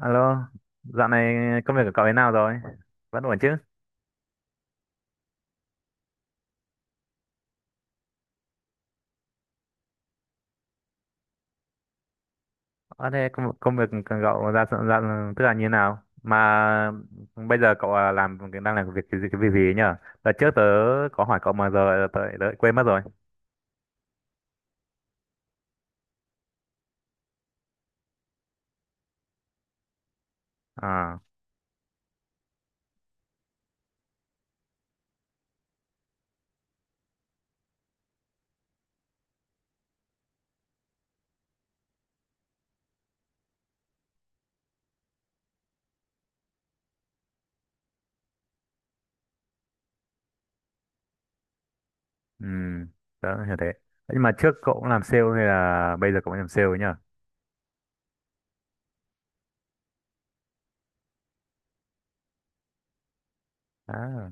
Alo, dạo này công việc của cậu thế nào rồi? Vẫn ổn chứ? Ờ thế công việc của cậu ra dạo, tức là như thế nào? Mà bây giờ làm đang làm việc cái gì cái việc gì ấy nhở? Đợt trước tớ có hỏi cậu mà giờ tớ lại quên mất rồi. À, ừ, tớ hiểu thế. Nhưng mà trước cậu cũng làm sale hay là bây giờ cậu mới làm sale ấy nhở? À.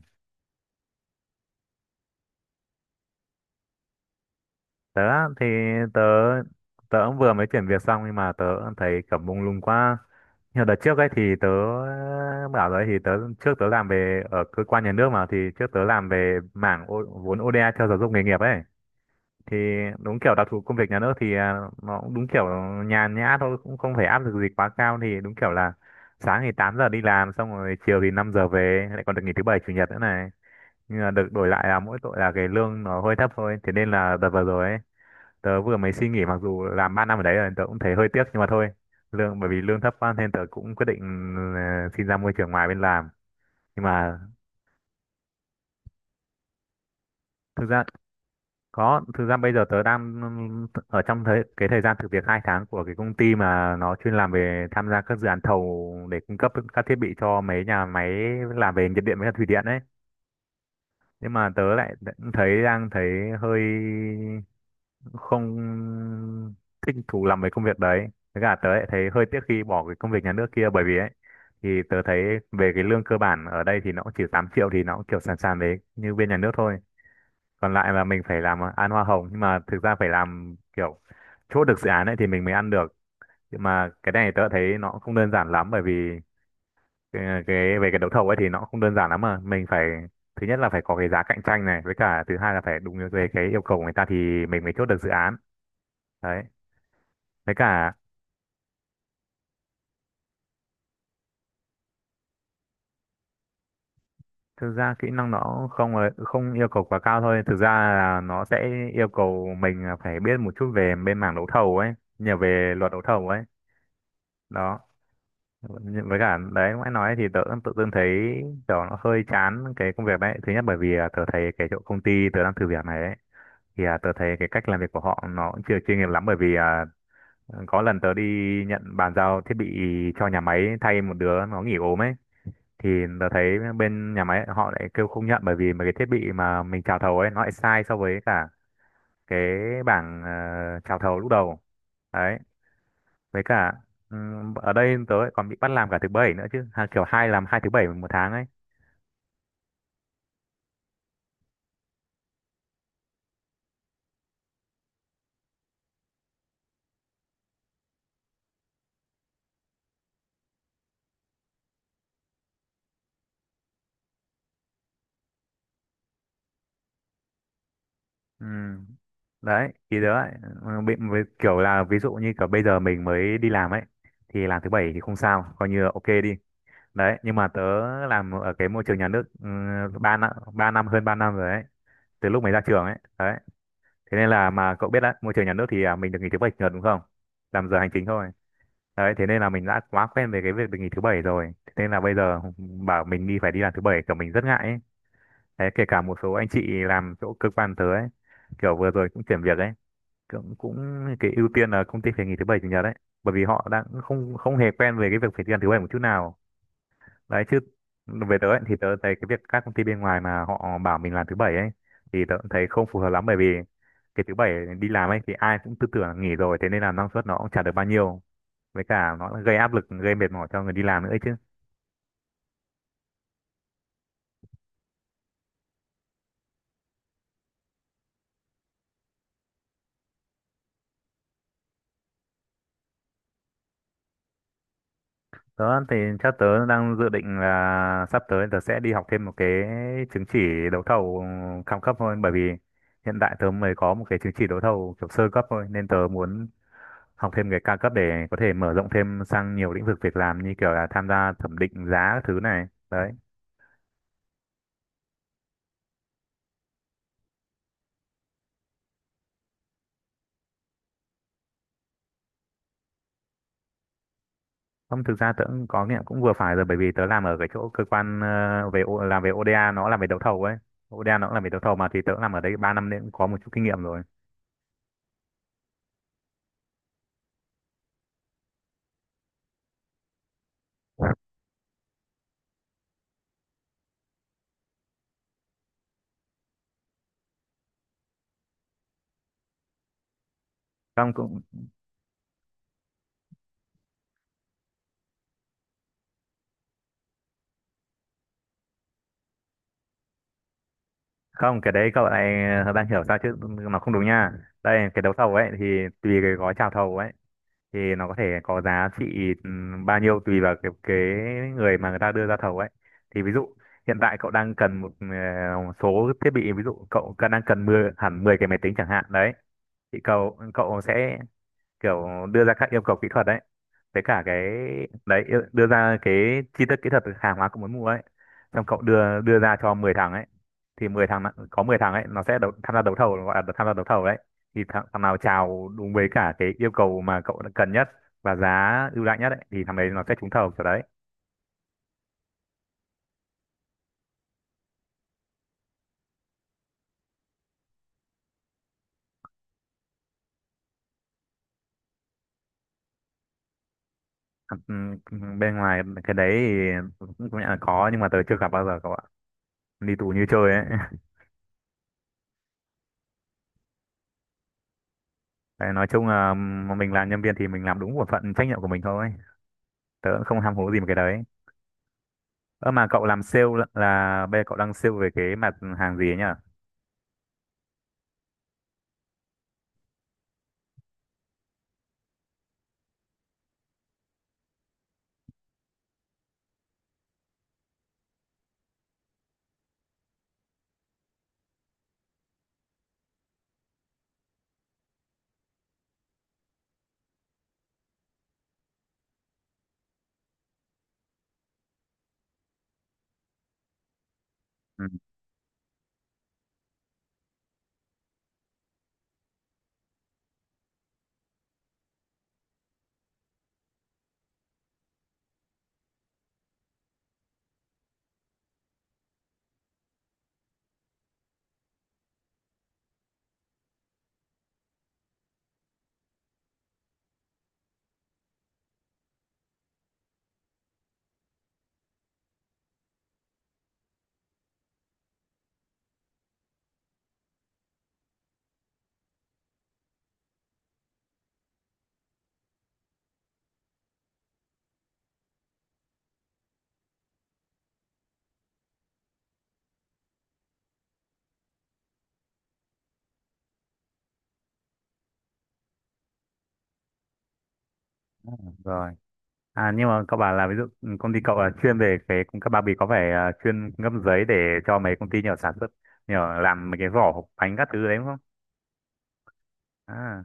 Tớ á, thì tớ tớ cũng vừa mới chuyển việc xong nhưng mà tớ cũng thấy kiểu mông lung quá. Nhưng đợt trước ấy thì tớ bảo rồi ấy, thì tớ trước tớ làm về ở cơ quan nhà nước mà thì trước tớ làm về mảng vốn ODA cho giáo dục nghề nghiệp ấy. Thì đúng kiểu đặc thù công việc nhà nước thì nó cũng đúng kiểu nhàn nhã thôi cũng không phải áp lực gì quá cao thì đúng kiểu là sáng thì 8 giờ đi làm xong rồi chiều thì 5 giờ về, lại còn được nghỉ thứ bảy chủ nhật nữa này. Nhưng mà được đổi lại là mỗi tội là cái lương nó hơi thấp thôi. Thế nên là đợt vừa rồi ấy tớ vừa mới suy nghĩ, mặc dù làm 3 năm ở đấy rồi tớ cũng thấy hơi tiếc nhưng mà thôi, lương bởi vì lương thấp quá nên tớ cũng quyết định xin ra môi trường ngoài bên làm, nhưng mà thực ra bây giờ tớ đang ở trong cái thời gian thực việc 2 tháng của cái công ty mà nó chuyên làm về tham gia các dự án thầu để cung cấp các thiết bị cho mấy nhà máy làm về nhiệt điện với cả thủy điện ấy. Nhưng mà tớ lại thấy đang thấy hơi không thích thú làm về công việc đấy, với cả tớ lại thấy hơi tiếc khi bỏ cái công việc nhà nước kia bởi vì ấy thì tớ thấy về cái lương cơ bản ở đây thì nó cũng chỉ 8 triệu, thì nó cũng kiểu sàn sàn đấy như bên nhà nước thôi. Còn lại là mình phải làm ăn hoa hồng nhưng mà thực ra phải làm kiểu chốt được dự án ấy thì mình mới ăn được. Nhưng mà cái này tớ thấy nó cũng không đơn giản lắm bởi vì cái về cái đấu thầu ấy thì nó cũng không đơn giản lắm, mà mình phải thứ nhất là phải có cái giá cạnh tranh này, với cả thứ hai là phải đúng về cái yêu cầu của người ta thì mình mới chốt được dự án đấy. Với cả thực ra kỹ năng nó không yêu cầu quá cao thôi. Thực ra là nó sẽ yêu cầu mình là phải biết một chút về bên mảng đấu thầu ấy, nhiều về luật đấu thầu ấy. Đó. Nhưng với cả đấy ngoại nói thì tớ tự dưng thấy kiểu nó hơi chán cái công việc đấy. Thứ nhất bởi vì tớ thấy cái chỗ công ty tớ đang thử việc này ấy thì tớ thấy cái cách làm việc của họ nó cũng chưa chuyên nghiệp lắm, bởi vì có lần tớ đi nhận bàn giao thiết bị cho nhà máy thay một đứa nó nghỉ ốm ấy thì tớ thấy bên nhà máy họ lại kêu không nhận bởi vì mà cái thiết bị mà mình chào thầu ấy nó lại sai so với cả cái bảng chào thầu lúc đầu đấy. Với cả ở đây tớ lại còn bị bắt làm cả thứ bảy nữa chứ, kiểu hai làm 2 thứ bảy một tháng ấy. Ừm. Đấy thì tớ lại ừ, bị với kiểu là ví dụ như kiểu bây giờ mình mới đi làm ấy thì làm thứ bảy thì không sao, coi như là ok đi đấy, nhưng mà tớ làm ở cái môi trường nhà nước ừ, ba năm hơn 3 năm rồi ấy, từ lúc mới ra trường ấy đấy. Thế nên là mà cậu biết đấy, môi trường nhà nước thì mình được nghỉ thứ bảy chủ nhật đúng không, làm giờ hành chính thôi đấy. Thế nên là mình đã quá quen về cái việc được nghỉ thứ bảy rồi, thế nên là bây giờ bảo mình đi phải đi làm thứ bảy kiểu mình rất ngại ấy. Đấy, kể cả một số anh chị làm chỗ cơ quan tớ ấy kiểu vừa rồi cũng chuyển việc ấy, cũng cũng cái ưu tiên là công ty phải nghỉ thứ bảy chủ nhật đấy, bởi vì họ đang không không hề quen về cái việc phải đi làm thứ bảy một chút nào đấy chứ. Về tớ ấy, thì tớ thấy cái việc các công ty bên ngoài mà họ bảo mình làm thứ bảy ấy thì tớ cũng thấy không phù hợp lắm, bởi vì cái thứ bảy đi làm ấy thì ai cũng tư tưởng là nghỉ rồi, thế nên là năng suất nó cũng chả được bao nhiêu, với cả nó gây áp lực gây mệt mỏi cho người đi làm nữa ấy chứ. Đó thì theo tớ đang dự định là sắp tới tớ sẽ đi học thêm một cái chứng chỉ đấu thầu cao cấp thôi, bởi vì hiện tại tớ mới có một cái chứng chỉ đấu thầu kiểu sơ cấp thôi nên tớ muốn học thêm cái cao cấp để có thể mở rộng thêm sang nhiều lĩnh vực việc làm như kiểu là tham gia thẩm định giá các thứ này. Đấy. Không, thực ra tớ cũng có nghiệm cũng vừa phải rồi, bởi vì tớ làm ở cái chỗ cơ quan làm về ODA, nó làm về đấu thầu ấy. ODA nó cũng làm về đấu thầu mà, thì tớ làm ở đấy 3 năm nên cũng có một chút kinh nghiệm rồi. Không, cũng không cái đấy cậu lại đang hiểu sao chứ, nó không đúng nha. Đây cái đấu thầu ấy thì tùy cái gói chào thầu ấy thì nó có thể có giá trị bao nhiêu tùy vào cái người mà người ta đưa ra thầu ấy. Thì ví dụ hiện tại cậu đang cần một số thiết bị, ví dụ đang cần 10 hẳn 10 cái máy tính chẳng hạn đấy, thì cậu cậu sẽ kiểu đưa ra các yêu cầu kỹ thuật đấy, với cả cái đấy đưa ra cái chi tiết kỹ thuật hàng hóa cậu muốn mua ấy, xong cậu đưa đưa ra cho 10 thằng ấy. Thì có 10 thằng ấy nó sẽ tham gia đấu thầu, gọi là tham gia đấu thầu đấy. Thì thằng nào chào đúng với cả cái yêu cầu mà cậu đã cần nhất và giá ưu đãi nhất ấy, thì thằng đấy nó sẽ trúng thầu kiểu đấy. Ừm, Bên ngoài cái đấy thì cũng công nhận là có nhưng mà tớ chưa gặp bao giờ cậu ạ, đi tù như chơi ấy Đấy, nói chung là mình làm nhân viên thì mình làm đúng bổn phận trách nhiệm của mình thôi, tớ cũng không ham hố gì một cái đấy. Ơ mà cậu làm sale là bây giờ cậu đang sale về cái mặt hàng gì ấy nhỉ? Ừ. Rồi, à nhưng mà cậu bảo là ví dụ công ty cậu là chuyên về cái cung cấp bao bì, có phải chuyên cung cấp giấy để cho mấy công ty nhỏ sản xuất nhỏ làm mấy cái vỏ hộp bánh các thứ đấy đúng không? À,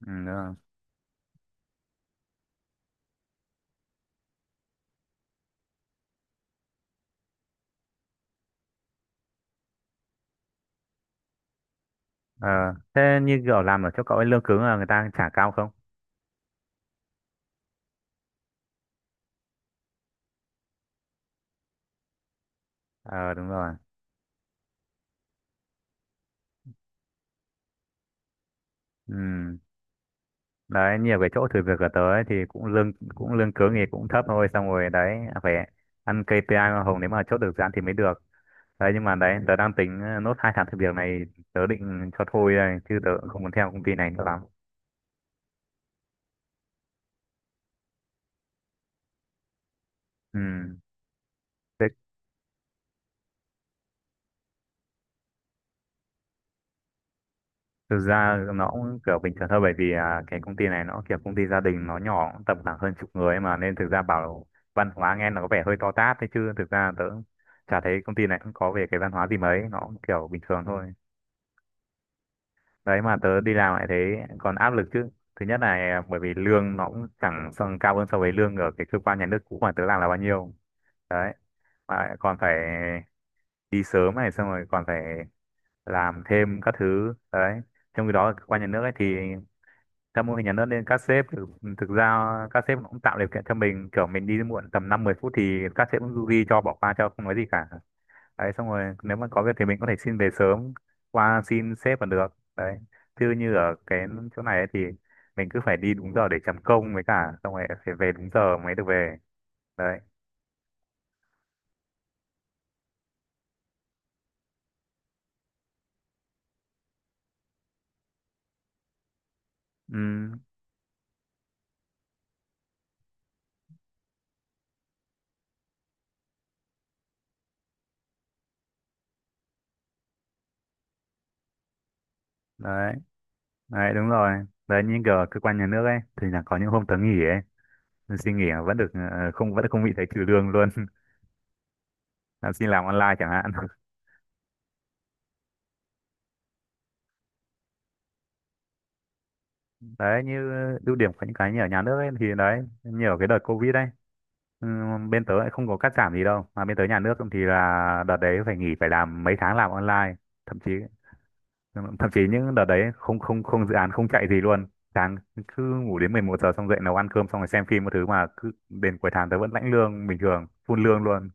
ừ, đúng rồi. Ờ, thế như kiểu làm ở chỗ cậu ấy lương cứng là người ta trả cao không? Ờ đúng rồi, ừ, đấy nhiều cái chỗ thử việc ở tới thì cũng lương cứng thì cũng thấp thôi, xong rồi đấy phải ăn KPI hoa hồng nếu mà chốt được dự án thì mới được. Đấy nhưng mà đấy tớ đang tính nốt 2 tháng thử việc này tớ định cho thôi đây chứ tớ cũng không muốn theo công ty này nữa lắm. Ừ. Thế thực ra nó cũng kiểu bình thường thôi bởi vì cái công ty này nó kiểu công ty gia đình, nó nhỏ cũng tầm khoảng hơn chục người ấy mà, nên thực ra bảo văn hóa nghe nó có vẻ hơi to tát thế chứ thực ra tớ chả thấy công ty này cũng có về cái văn hóa gì mấy, nó cũng kiểu bình thường thôi. Đấy mà tớ đi làm lại thế còn áp lực chứ. Thứ nhất là bởi vì lương nó cũng chẳng xong cao hơn so với lương ở cái cơ quan nhà nước cũ mà tớ làm là bao nhiêu đấy, mà lại còn phải đi sớm này, xong rồi còn phải làm thêm các thứ đấy, trong khi đó ở cơ quan nhà nước ấy thì theo mô hình nhà nước nên thực ra các sếp cũng tạo điều kiện cho mình kiểu mình đi muộn tầm năm mười phút thì các sếp cũng du di cho bỏ qua cho không nói gì cả. Đấy xong rồi nếu mà có việc thì mình có thể xin về sớm, qua xin sếp còn được đấy, chứ như ở cái chỗ này ấy thì mình cứ phải đi đúng giờ để chấm công, với cả xong rồi phải về đúng giờ mới được về đấy. Ừ, đấy đấy đúng rồi đấy như kiểu ở cơ quan nhà nước ấy thì là có những hôm tớ nghỉ ấy, nhưng xin nghỉ mà vẫn được ờ, không vẫn không bị thấy trừ lương luôn là xin làm online chẳng hạn đấy như ưu điểm của những cái như ở nhà nước ấy thì đấy như ở cái đợt covid ấy. Ừ, bên tớ lại không có cắt giảm gì đâu mà, bên tớ nhà nước thì là đợt đấy phải nghỉ phải làm mấy tháng làm online, thậm chí thậm chí những đợt đấy không không không dự án không chạy gì luôn, sáng cứ ngủ đến 11 giờ xong dậy nấu ăn cơm xong rồi xem phim một thứ mà cứ đến cuối tháng tớ vẫn lãnh lương bình thường, full lương luôn.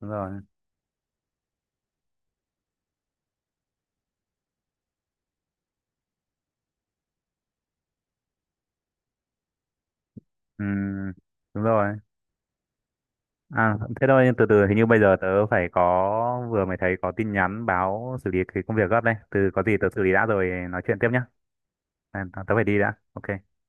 Đúng rồi, ừ, đúng rồi. À thế thôi, nhưng từ từ hình như bây giờ tớ phải có vừa mới thấy có tin nhắn báo xử lý cái công việc gấp đây, từ có gì tớ xử lý đã rồi nói chuyện tiếp nhá. À, tớ phải đi đã, ok.